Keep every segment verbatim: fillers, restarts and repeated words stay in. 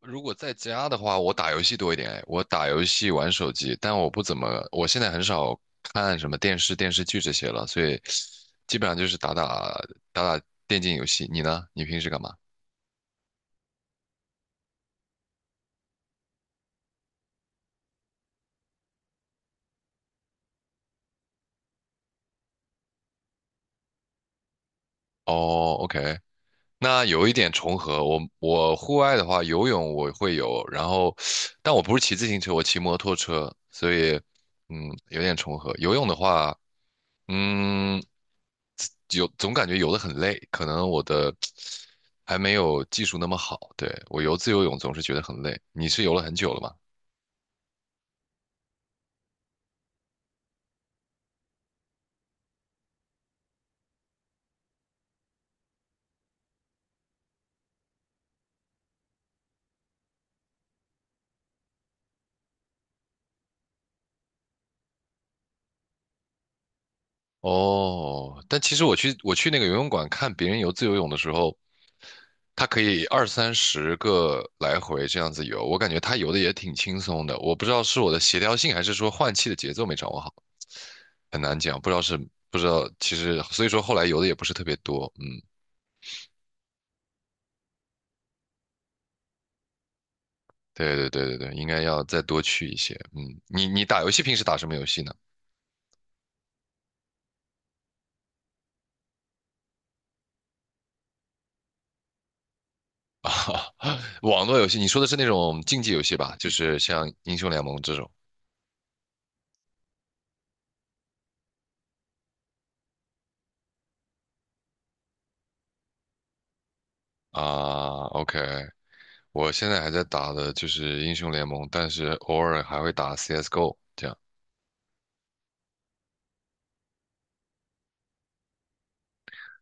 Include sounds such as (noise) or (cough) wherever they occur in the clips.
如果在家的话，我打游戏多一点，我打游戏玩手机，但我不怎么，我现在很少看什么电视、电视剧这些了，所以基本上就是打打打打电竞游戏。你呢？你平时干嘛？哦，OK，那有一点重合。我我户外的话，游泳我会游，然后但我不是骑自行车，我骑摩托车，所以嗯，有点重合。游泳的话，嗯。有总感觉游得很累，可能我的还没有技术那么好。对，我游自由泳总是觉得很累。你是游了很久了吗？哦，但其实我去我去那个游泳馆看别人游自由泳的时候，他可以二三十个来回这样子游，我感觉他游的也挺轻松的。我不知道是我的协调性，还是说换气的节奏没掌握好，很难讲。不知道是不知道，其实所以说后来游的也不是特别多。嗯，对对对对对，应该要再多去一些。嗯，你你打游戏平时打什么游戏呢？(laughs) 啊，网络游戏，你说的是那种竞技游戏吧？就是像英雄联盟这种啊。OK，我现在还在打的就是英雄联盟，但是偶尔还会打 C S G O 这样。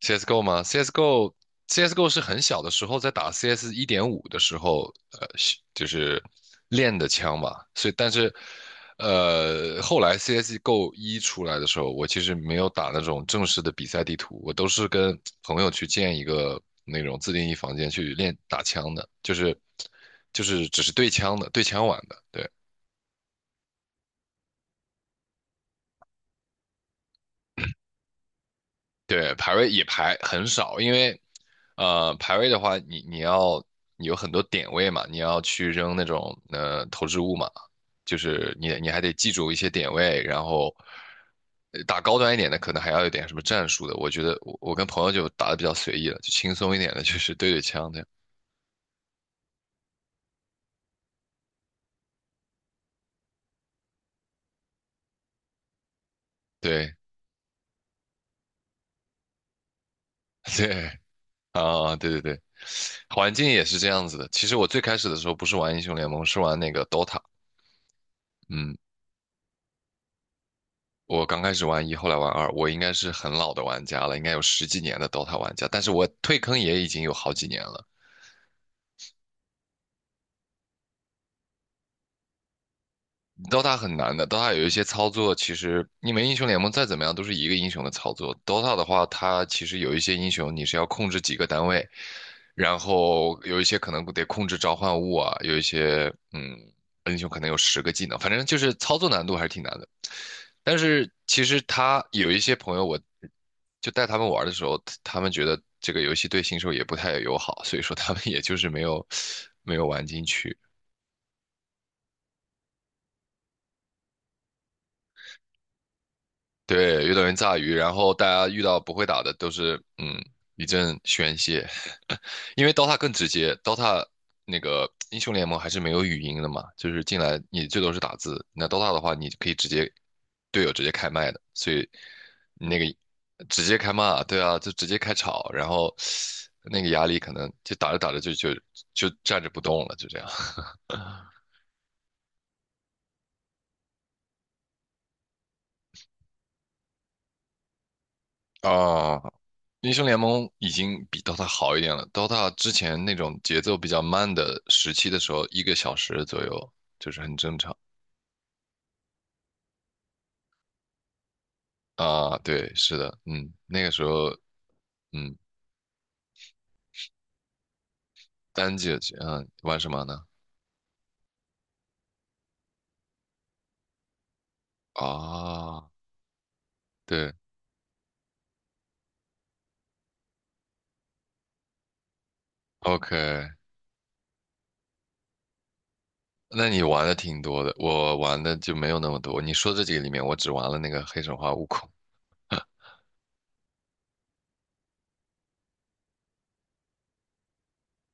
C S G O 吗？CSGO CSGO 是很小的时候在打 C S 一点五的时候，呃，是就是练的枪吧。所以，但是，呃，后来 C S G O 一出来的时候，我其实没有打那种正式的比赛地图，我都是跟朋友去建一个那种自定义房间去练打枪的，就是就是只是对枪的，对枪玩的，对。对，排位也排很少，因为呃，排位的话，你你要你有很多点位嘛，你要去扔那种呃投掷物嘛，就是你你还得记住一些点位，然后呃打高端一点的，可能还要有点什么战术的。我觉得我我跟朋友就打的比较随意了，就轻松一点的，就是对对枪这样。对 (laughs) 对啊，对对对，环境也是这样子的。其实我最开始的时候不是玩英雄联盟，是玩那个 D O T A。嗯，我刚开始玩一，后来玩二，我应该是很老的玩家了，应该有十几年的 Dota 玩家，但是我退坑也已经有好几年了。D O T A 很难的，D O T A 有一些操作，其实你们英雄联盟再怎么样都是一个英雄的操作。D O T A 的话，它其实有一些英雄你是要控制几个单位，然后有一些可能得控制召唤物啊，有一些嗯英雄可能有十个技能，反正就是操作难度还是挺难的。但是其实他有一些朋友，我就带他们玩的时候，他们觉得这个游戏对新手也不太友好，所以说他们也就是没有没有玩进去。对，遇到人炸鱼，然后大家遇到不会打的都是嗯一阵宣泄，(laughs) 因为 D O T A 更直接，D O T A 那个英雄联盟还是没有语音的嘛，就是进来你最多是打字，那 D O T A 的话你可以直接队友直接开麦的，所以那个直接开骂，对啊，就直接开吵，然后那个压力可能就打着打着就就就站着不动了，就这样。啊，英雄联盟已经比 D O T A 好一点了。D O T A 之前那种节奏比较慢的时期的时候，一个小时左右就是很正常啊。对，是的，嗯，那个时候，嗯，单机游戏嗯，玩什么呢？啊，对，OK，那你玩的挺多的，我玩的就没有那么多。你说这几个里面，我只玩了那个黑神话悟空。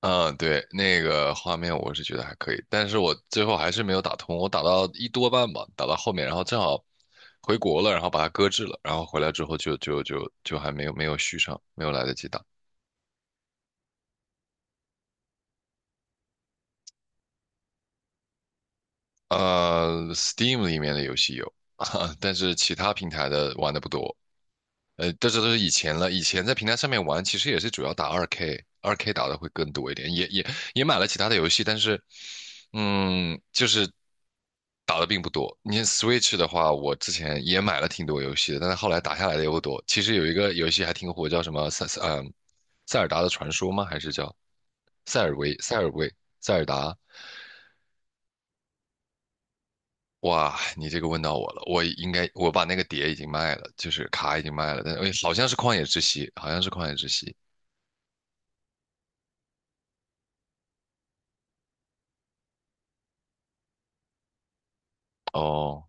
嗯，对，那个画面我是觉得还可以，但是我最后还是没有打通，我打到一多半吧，打到后面，然后正好回国了，然后把它搁置了，然后回来之后就就就就还没有没有续上，没有来得及打。呃，Steam 里面的游戏有，(laughs) 但是其他平台的玩的不多。呃，这这都是以前了。以前在平台上面玩，其实也是主要打二 K，二 K 打的会更多一点，也也也买了其他的游戏，但是，嗯，就是打的并不多。你像 Switch 的话，我之前也买了挺多游戏的，但是后来打下来的也不多。其实有一个游戏还挺火，叫什么塞塞嗯塞尔达的传说吗？还是叫塞尔维塞尔维塞尔达？哇，你这个问到我了，我应该我把那个碟已经卖了，就是卡已经卖了，但哎好像是旷野之息，好像是旷野之息。哦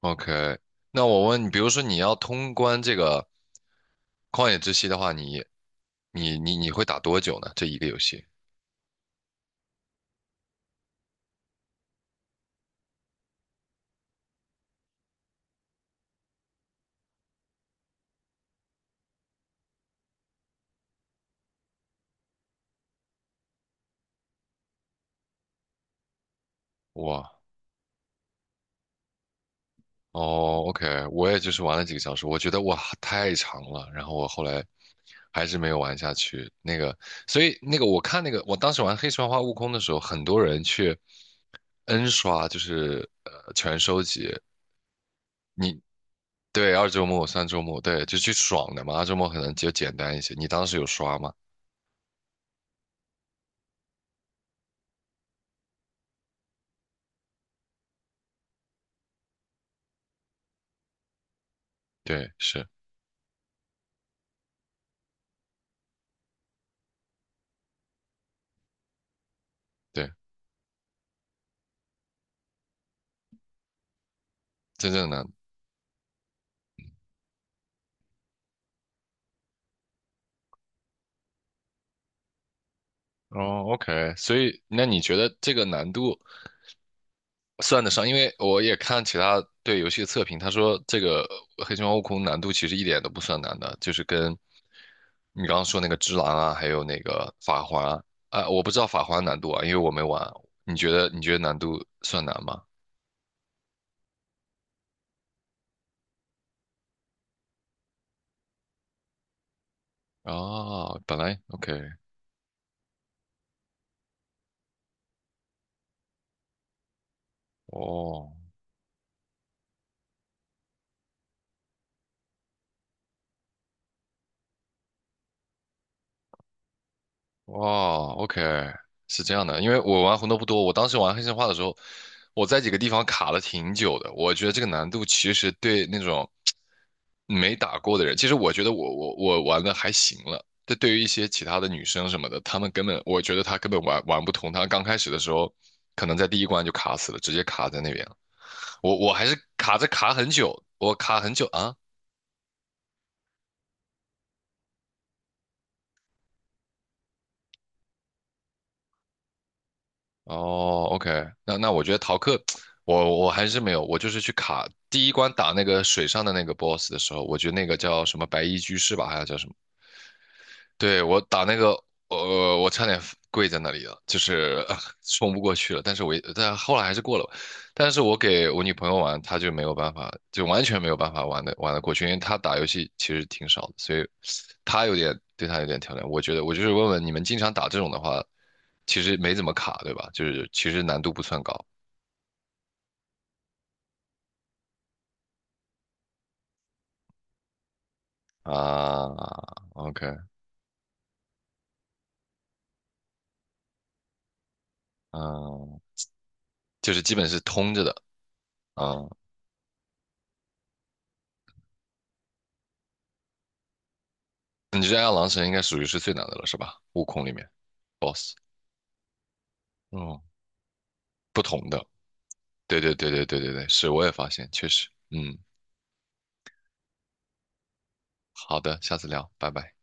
，OK，那我问你，比如说你要通关这个旷野之息的话，你你你你会打多久呢？这一个游戏？哇，哦，OK，我也就是玩了几个小时，我觉得哇太长了，然后我后来还是没有玩下去。那个，所以那个我看那个，我当时玩黑神话悟空的时候，很多人去 N 刷，就是呃全收集。你对二周末、三周末，对，就去爽的嘛，二周末可能就简单一些。你当时有刷吗？对，是，对，真正的难度。哦，OK，所以那你觉得这个难度算得上？因为我也看其他对游戏的测评，他说这个《黑神话：悟空》难度其实一点都不算难的，就是跟你刚刚说那个《只狼》啊，还有那个《法环》啊，啊我不知道《法环》难度啊，因为我没玩。你觉得你觉得难度算难吗？哦，本来 OK，哦。哇，OK，是这样的，因为我玩红斗不多，我当时玩黑神话的时候，我在几个地方卡了挺久的。我觉得这个难度其实对那种没打过的人，其实我觉得我我我玩的还行了。这对于一些其他的女生什么的，她们根本，我觉得她根本玩玩不通。她刚开始的时候，可能在第一关就卡死了，直接卡在那边了。我我还是卡着卡很久，我卡很久啊。哦，OK，那那我觉得逃课，我我还是没有，我就是去卡第一关打那个水上的那个 BOSS 的时候，我觉得那个叫什么白衣居士吧，还是叫什么，对，我打那个，呃，我差点跪在那里了，就是 (laughs) 冲不过去了。但是我也但后来还是过了。但是我给我女朋友玩，她就没有办法，就完全没有办法玩的玩得过去，因为她打游戏其实挺少的，所以她有点对她有点挑战。我觉得，我就是问问你们，经常打这种的话，其实没怎么卡，对吧？就是其实难度不算高啊。OK，嗯，就是基本是通着的啊。你这爱狼神应该属于是最难的了，是吧？悟空里面 BOSS。嗯。不同的。对对对对对对对，是，我也发现，确实，嗯，好的，下次聊，拜拜。